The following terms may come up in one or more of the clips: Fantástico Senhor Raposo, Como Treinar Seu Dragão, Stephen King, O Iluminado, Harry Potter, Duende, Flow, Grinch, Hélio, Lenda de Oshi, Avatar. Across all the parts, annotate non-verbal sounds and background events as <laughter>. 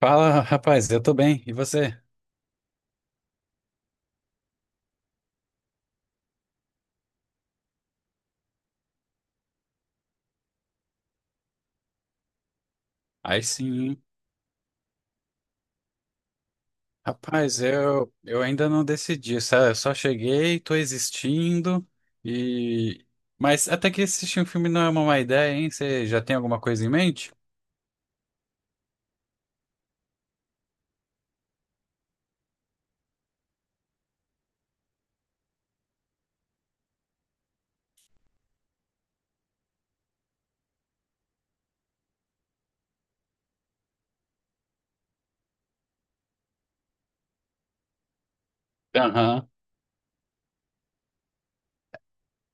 Fala, rapaz, eu tô bem. E você? Aí sim, hein? Rapaz, eu ainda não decidi, sabe? Eu só cheguei, tô existindo e... Mas até que assistir um filme não é uma má ideia, hein? Você já tem alguma coisa em mente? Aham.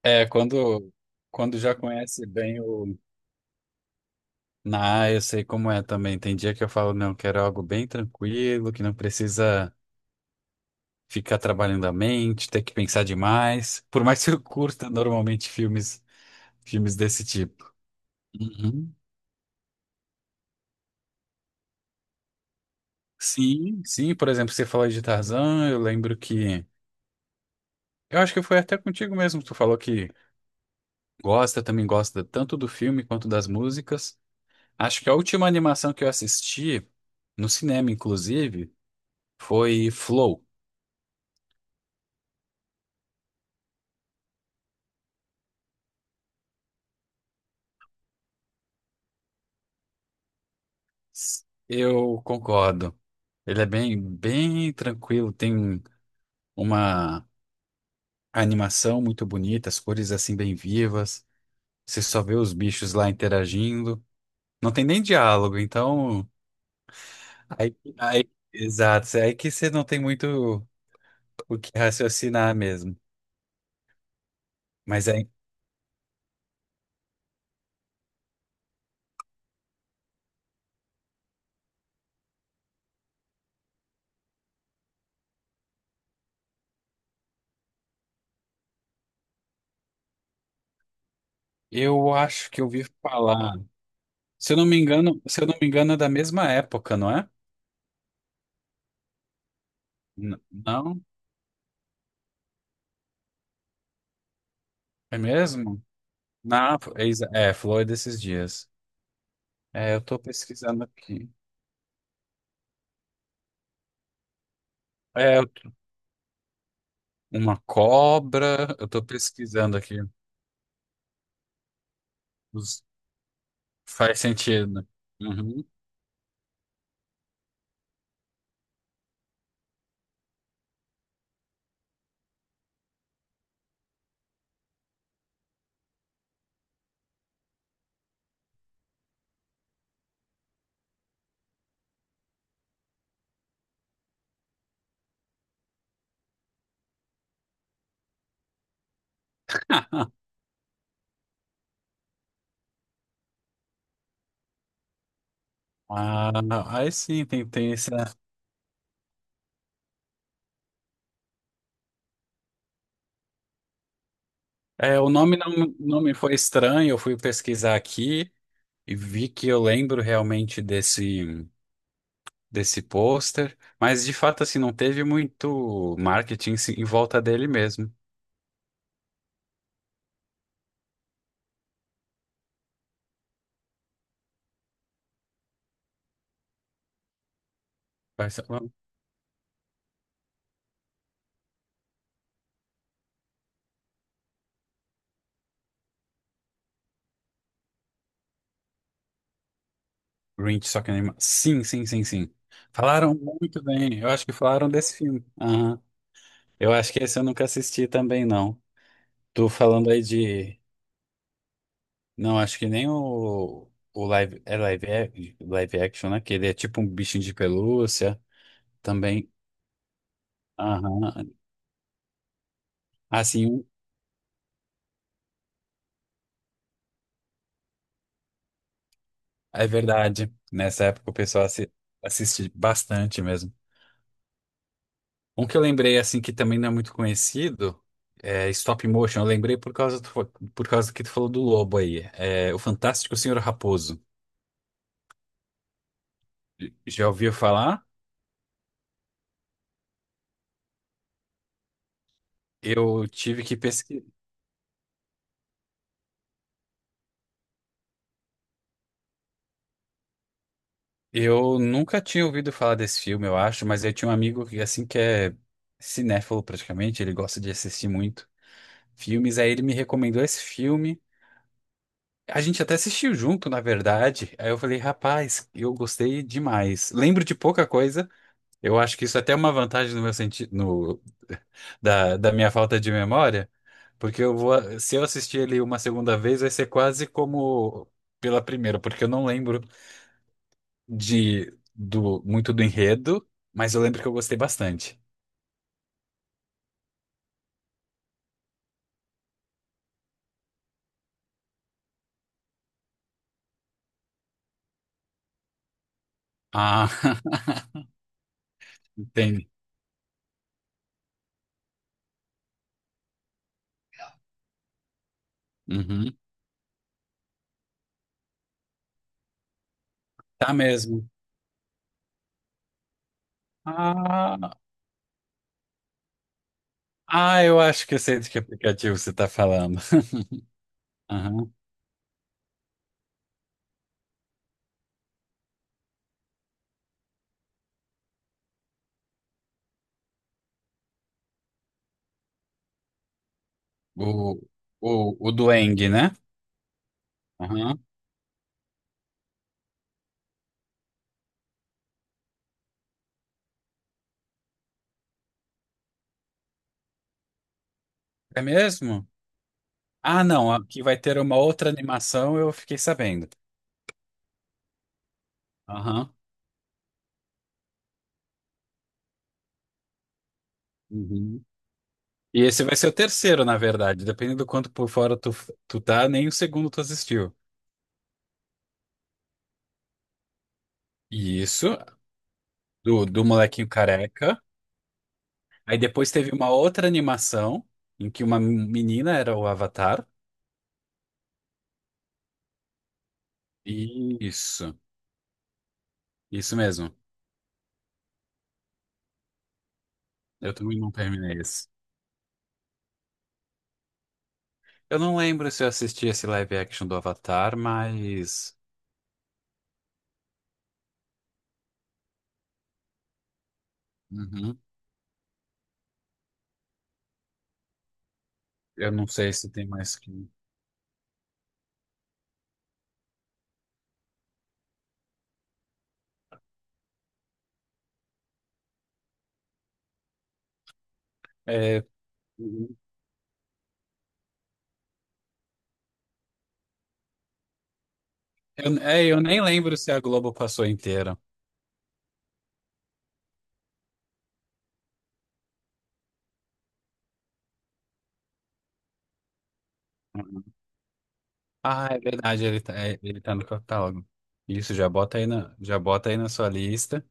É, quando já conhece bem o... Ah, eu sei como é também. Tem dia que eu falo, não, quero algo bem tranquilo, que não precisa ficar trabalhando a mente, ter que pensar demais. Por mais que eu curta normalmente filmes desse tipo. Uhum. Sim, sim, por exemplo, você falou de Tarzan, eu lembro que. Eu acho que foi até contigo mesmo, que tu falou que gosta, também gosta tanto do filme quanto das músicas. Acho que a última animação que eu assisti, no cinema inclusive, foi Flow. Eu concordo. Ele é bem, bem tranquilo, tem uma animação muito bonita, as cores assim bem vivas. Você só vê os bichos lá interagindo. Não tem nem diálogo, então. Exato, é aí que você não tem muito o que raciocinar mesmo. Mas aí, eu acho que eu ouvi falar, se eu não me engano, se eu não me engano, é da mesma época, não é? N- não, é mesmo? Na é, exa- é, falou desses dias. É, eu tô pesquisando aqui. É, eu tô- uma cobra, eu tô pesquisando aqui. Os- faz sentido, né? Uhum. Ah, não, aí sim, tem, tem esse. É, o nome não, não me foi estranho, eu fui pesquisar aqui. E vi que eu lembro realmente desse pôster, mas de fato assim não teve muito marketing se- em volta dele mesmo. Parece- oh, Grinch, só que anima. Sim, sim, sim, sim. Falaram muito bem. Eu acho que falaram desse filme. Aham. Eu acho que esse eu nunca assisti também não. Tô falando aí de não, acho que nem o o live é live ac- live action, né? Que ele é tipo um bichinho de pelúcia também. Aham. Assim, é verdade. Nessa época o pessoal assi- assiste bastante mesmo. Um que eu lembrei, assim, que também não é muito conhecido, é Stop Motion. Eu lembrei por do- por causa que tu falou do lobo aí. É, o Fantástico Senhor Raposo. Já ouviu falar? Eu tive que pesquisar. Eu nunca tinha ouvido falar desse filme, eu acho, mas eu tinha um amigo que, assim, que é cinéfilo praticamente, ele gosta de assistir muito filmes, aí ele me recomendou esse filme. A gente até assistiu junto, na verdade. Aí eu falei, rapaz, eu gostei demais. Lembro de pouca coisa. Eu acho que isso até é uma vantagem no meu sentido, no, <laughs> da minha falta de memória, porque eu vou, se eu assistir ele uma segunda vez, vai ser quase como pela primeira, porque eu não lembro de do muito do enredo, mas eu lembro que eu gostei bastante. Ah, <laughs> entendi. Uhum. Tá mesmo. Ah, ah, eu acho que eu sei de que aplicativo você tá falando. O, o Duende, né? Aham. É mesmo? Ah, não. Aqui vai ter uma outra animação, eu fiquei sabendo. Aham. Uhum. E esse vai ser o terceiro, na verdade. Dependendo do quanto por fora tu tá, nem o segundo tu assistiu. E isso, do, do molequinho careca. Aí depois teve uma outra animação em que uma menina era o Avatar. E isso mesmo. Eu também não terminei esse. Eu não lembro se eu assisti esse live action do Avatar, mas. Uhum. Eu não sei se tem mais que. É, eu nem lembro se a Globo passou inteira. Ah, é verdade, ele tá no catálogo. Isso, já bota aí na, já bota aí na sua lista,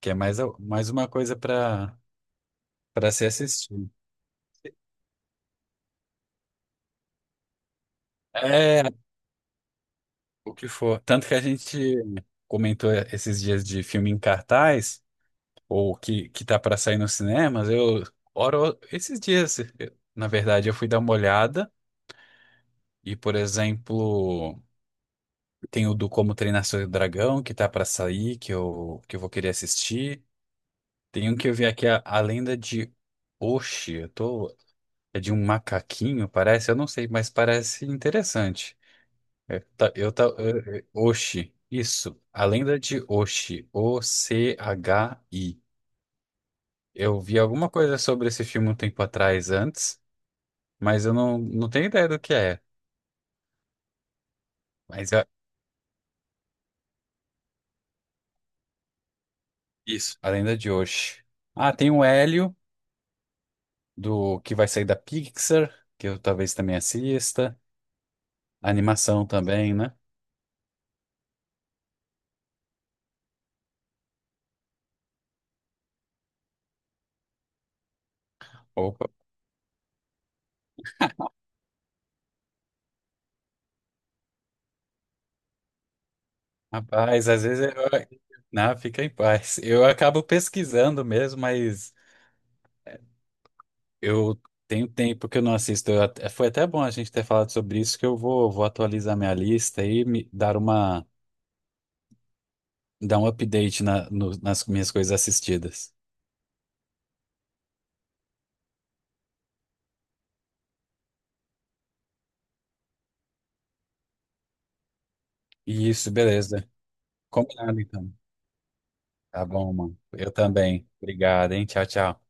que é mais, a- mais uma coisa para para se assistir. É, o que for. Tanto que a gente comentou esses dias de filme em cartaz, ou que tá para sair nos cinemas, eu, ora, esses dias, eu- na verdade, eu fui dar uma olhada, e, por exemplo. Tem o do Como Treinar Seu Dragão, que tá pra sair, que eu vou querer assistir. Tem um que eu vi aqui, a Lenda de Oshi. Eu tô, é de um macaquinho, parece. Eu não sei, mas parece interessante. É, tá- eu tá, é, é, Oshi, isso. A Lenda de Oshi. OCHI. Eu vi alguma coisa sobre esse filme um tempo atrás, antes, mas eu não, não tenho ideia do que é. Mas é isso, A Lenda de Oshi. Ah, tem o Hélio. Do que vai sair da Pixar, que eu talvez também assista, animação também, né? Opa, rapaz, às vezes eu... Não, fica em paz. Eu acabo pesquisando mesmo, mas eu tenho tempo que eu não assisto. Eu até- foi até bom a gente ter falado sobre isso, que eu vou, vou atualizar minha lista e me dar uma, dar um update na- no- nas minhas coisas assistidas. Isso, beleza. Combinado, então. Tá bom, mano. Eu também. Obrigado, hein? Tchau, tchau.